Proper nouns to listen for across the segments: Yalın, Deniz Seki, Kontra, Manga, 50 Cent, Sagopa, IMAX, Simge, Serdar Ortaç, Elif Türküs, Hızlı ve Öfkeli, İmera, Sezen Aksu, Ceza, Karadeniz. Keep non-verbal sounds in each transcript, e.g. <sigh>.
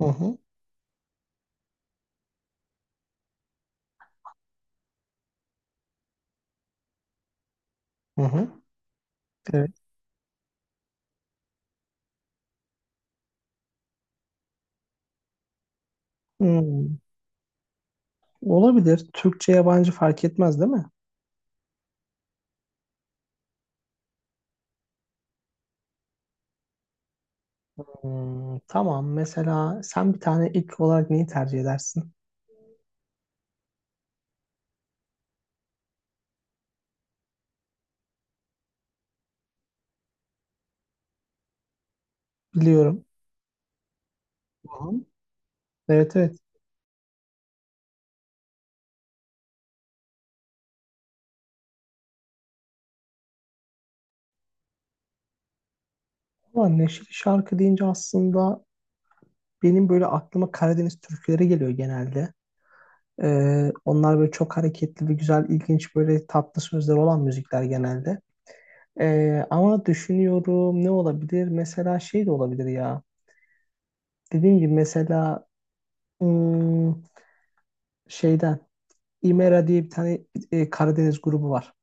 Hı hı. Hı hı. Evet. Hmm, Olabilir. Türkçe yabancı fark etmez değil mi? Hmm, tamam. Mesela sen bir tane ilk olarak neyi tercih edersin? Biliyorum. Tamam. Evet evet. Ama neşeli şarkı deyince aslında benim böyle aklıma Karadeniz türküleri geliyor genelde. Onlar böyle çok hareketli ve güzel, ilginç böyle tatlı sözler olan müzikler genelde. Ama düşünüyorum ne olabilir? Mesela şey de olabilir ya. Dediğim gibi mesela hmm, şeyden İmera diye bir tane Karadeniz grubu var.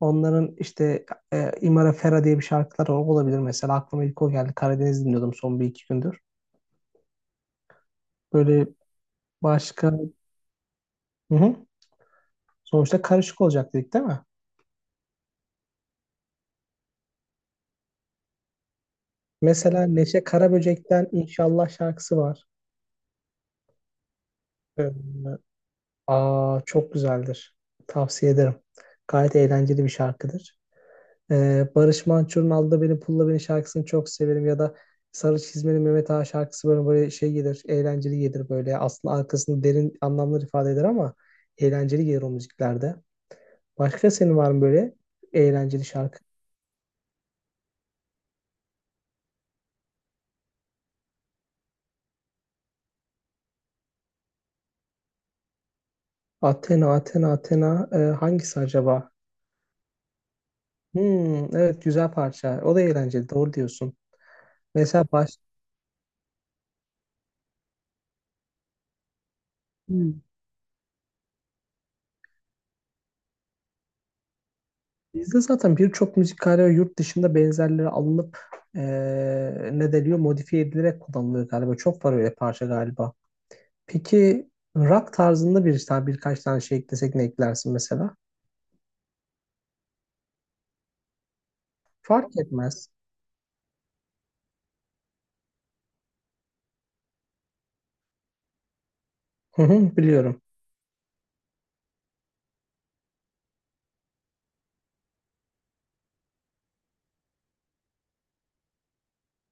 Onların işte İmara Fera diye bir şarkıları olabilir mesela. Aklıma ilk o geldi. Karadeniz dinliyordum son bir iki gündür. Böyle başka... Hı hı. Sonuçta karışık olacak dedik değil mi? Mesela Neşe Karaböcek'ten İnşallah şarkısı var. Ee, Aa, çok güzeldir. Tavsiye ederim. Gayet eğlenceli bir şarkıdır. Barış Manço'nun Alda Beni Pulla Beni şarkısını çok severim ya da Sarı Çizmeli Mehmet Ağa şarkısı böyle, böyle şey gelir, eğlenceli gelir böyle. Aslında arkasında derin anlamlar ifade eder ama eğlenceli gelir o müziklerde. Başka senin var mı böyle eğlenceli şarkı? Athena, Athena, Athena hangisi acaba? Hmm, evet güzel parça. O da eğlenceli. Doğru diyorsun. Mesela baş... Hmm. Bizde zaten birçok müzikkale ve yurt dışında benzerleri alınıp ne deniyor modifiye edilerek kullanılıyor galiba. Çok var öyle parça galiba. Peki rock tarzında bir tane birkaç tane şey eklesek ne eklersin mesela? Fark etmez. Hı hı, biliyorum.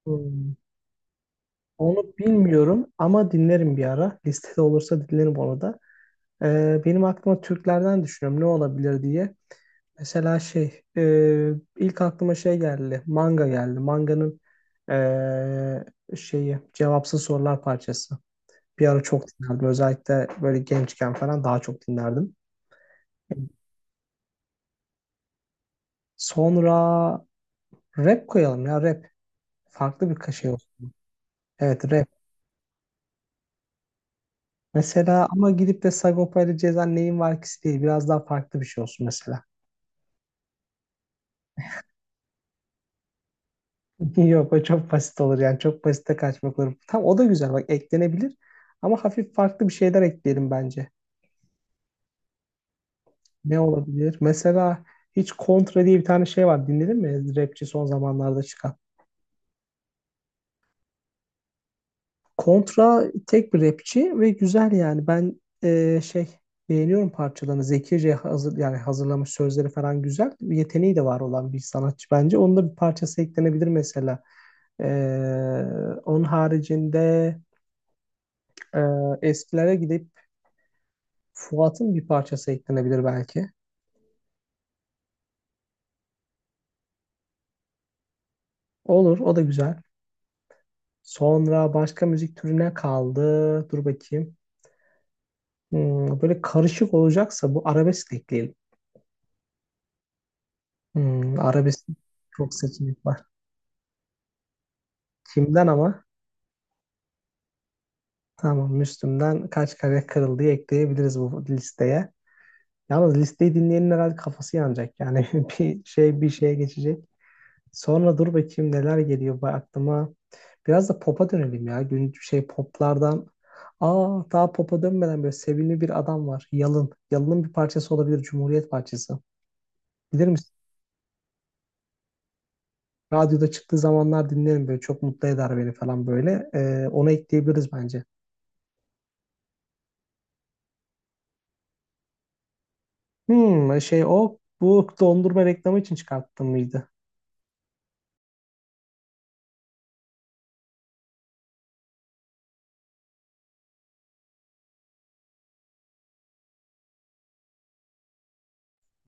Hmm, Onu bilmiyorum ama dinlerim bir ara. Listede olursa dinlerim onu da. Benim aklıma Türklerden düşünüyorum ne olabilir diye. Mesela şey ilk aklıma şey geldi. Manga geldi. Manganın şeyi cevapsız sorular parçası. Bir ara çok dinlerdim. Özellikle böyle gençken falan daha çok dinlerdim. Sonra rap koyalım ya rap. Farklı bir şey olsun. Evet rap. Mesela ama gidip de Sagopa ile Ceza neyin var ki değil. Biraz daha farklı bir şey olsun mesela. <laughs> Yok o çok basit olur yani çok basite kaçmak olur. Tam o da güzel bak eklenebilir ama hafif farklı bir şeyler ekleyelim bence. Ne olabilir? Mesela hiç Kontra diye bir tane şey var dinledin mi? Rapçi son zamanlarda çıkan. Kontra tek bir rapçi ve güzel yani ben şey beğeniyorum parçalarını. Zekice hazır, yani hazırlamış sözleri falan güzel. Bir yeteneği de var olan bir sanatçı bence. Onun da bir parçası eklenebilir mesela. Ee, Onun haricinde e, eskilere gidip Fuat'ın bir parçası eklenebilir belki. Olur, o da güzel. Sonra başka müzik türüne kaldı. Dur bakayım. Böyle karışık olacaksa bu arabesk ekleyelim. Arabesk çok seçenek var. Kimden ama? Tamam, Müslüm'den kaç kare kırıldı ekleyebiliriz bu listeye. Yalnız listeyi dinleyenin herhalde kafası yanacak. Yani <laughs> bir şey bir şeye geçecek. Sonra dur bakayım neler geliyor bu aklıma. Biraz da pop'a dönelim ya. Gün şey poplardan. Aa daha pop'a dönmeden böyle sevimli bir adam var. Yalın. Yalın'ın bir parçası olabilir. Cumhuriyet parçası. Bilir misin? Radyoda çıktığı zamanlar dinlerim böyle. Çok mutlu eder beni falan böyle. Ona ekleyebiliriz bence. Şey o bu dondurma reklamı için çıkarttım mıydı?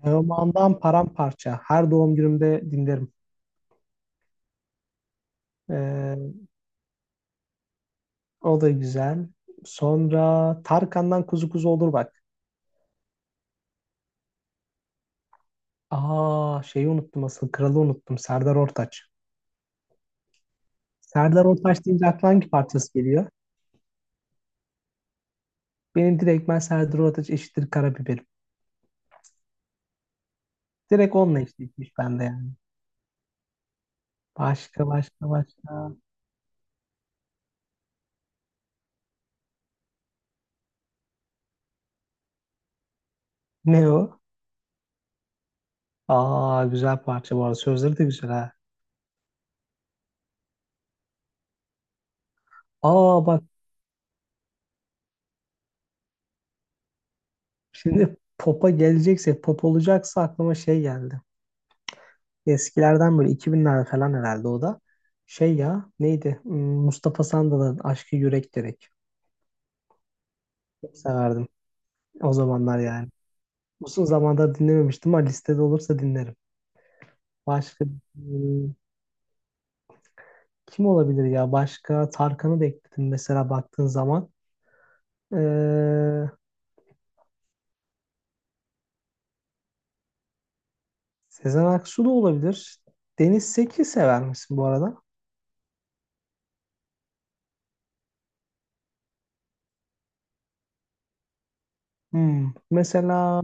Teoman'dan paramparça. Her doğum günümde dinlerim. Ee, O da güzel. Sonra Tarkan'dan Kuzu Kuzu olur bak. Aa şeyi unuttum asıl. Kralı unuttum. Serdar Ortaç. Serdar Ortaç deyince aklına hangi parçası geliyor? Benim direkt ben Serdar Ortaç eşittir karabiberim. Direkt onunla eşitmiş bende yani. Başka başka başka. Ne o? Aa güzel parça bu arada. Sözleri de güzel ha. Aa bak şimdi pop'a gelecekse pop olacaksa aklıma şey geldi. Eskilerden böyle 2000'lerde falan herhalde o da. Şey ya neydi? Mustafa Sandal'ın Aşkı Yürek Gerek. Çok severdim o zamanlar yani. Uzun zamandır dinlememiştim ama listede olursa dinlerim. Başka hmm, kim olabilir ya? Başka Tarkan'ı da ekledim mesela baktığın zaman. Ee, Sezen Aksu da olabilir. Deniz Seki sever misin bu arada? Hmm. Mesela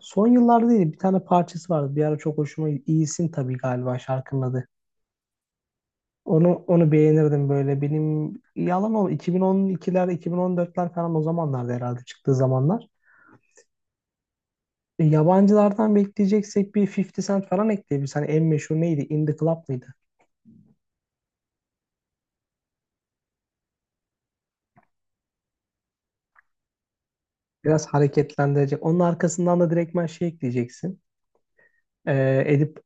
son yıllarda değil bir tane parçası vardı. Bir ara çok hoşuma İyisin tabii galiba şarkının adı. Onu beğenirdim böyle. Benim yalan ol 2012'ler 2014'ler falan o zamanlarda herhalde çıktığı zamanlar. Yabancılardan bekleyeceksek bir 50 Cent falan ekleyebiliriz. Hani en meşhur neydi? In the Club mıydı? Biraz hareketlendirecek. Onun arkasından da direktmen şey ekleyeceksin. E, Edip,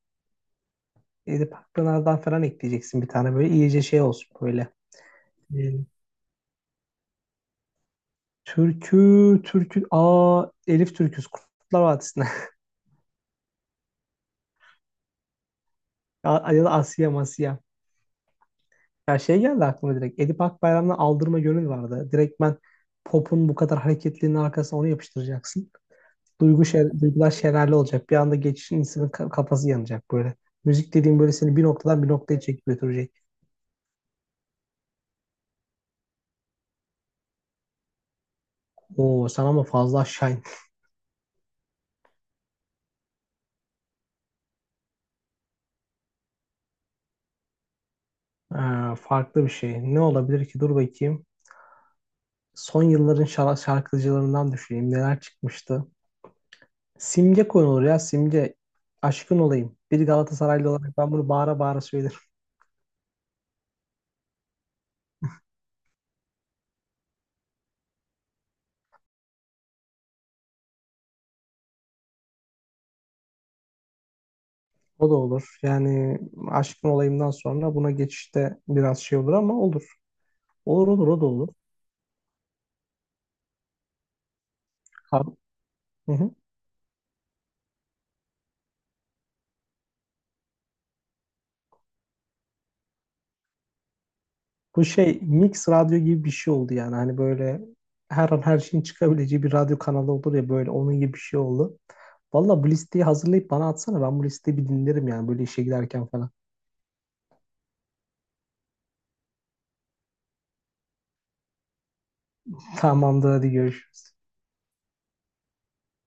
Edip Akpınar'dan falan ekleyeceksin bir tane böyle. İyice şey olsun böyle. E, Türkü, türkü. Aa Elif Türküs. Kurtlar Vadisi'nden. <laughs> Ya ya da Asiye Masiye. Ya şey geldi aklıma direkt. Edip Akbayram'dan Aldırma Gönül vardı. Direktmen popun bu kadar hareketliliğinin arkasına onu yapıştıracaksın. Duygular şelale olacak. Bir anda geçişin insanın kafası yanacak böyle. Müzik dediğim böyle seni bir noktadan bir noktaya çekip götürecek. Oo sen ama fazla aşağı in- Farklı bir şey. Ne olabilir ki? Dur bakayım. Son yılların şarkıcılarından düşüneyim. Neler çıkmıştı? Simge konulur ya. Simge. Aşkın olayım. Bir Galatasaraylı olarak ben bunu bağıra bağıra söylerim. O da olur. Yani aşkın olayımdan sonra buna geçişte biraz şey olur ama olur. Olur olur o da olur. Ha- Hı hı. Bu şey mix radyo gibi bir şey oldu yani. Hani böyle her an her şeyin çıkabileceği bir radyo kanalı olur ya böyle onun gibi bir şey oldu. Valla bu listeyi hazırlayıp bana atsana. Ben bu listeyi bir dinlerim yani böyle işe giderken falan. <laughs> Tamamdır hadi görüşürüz.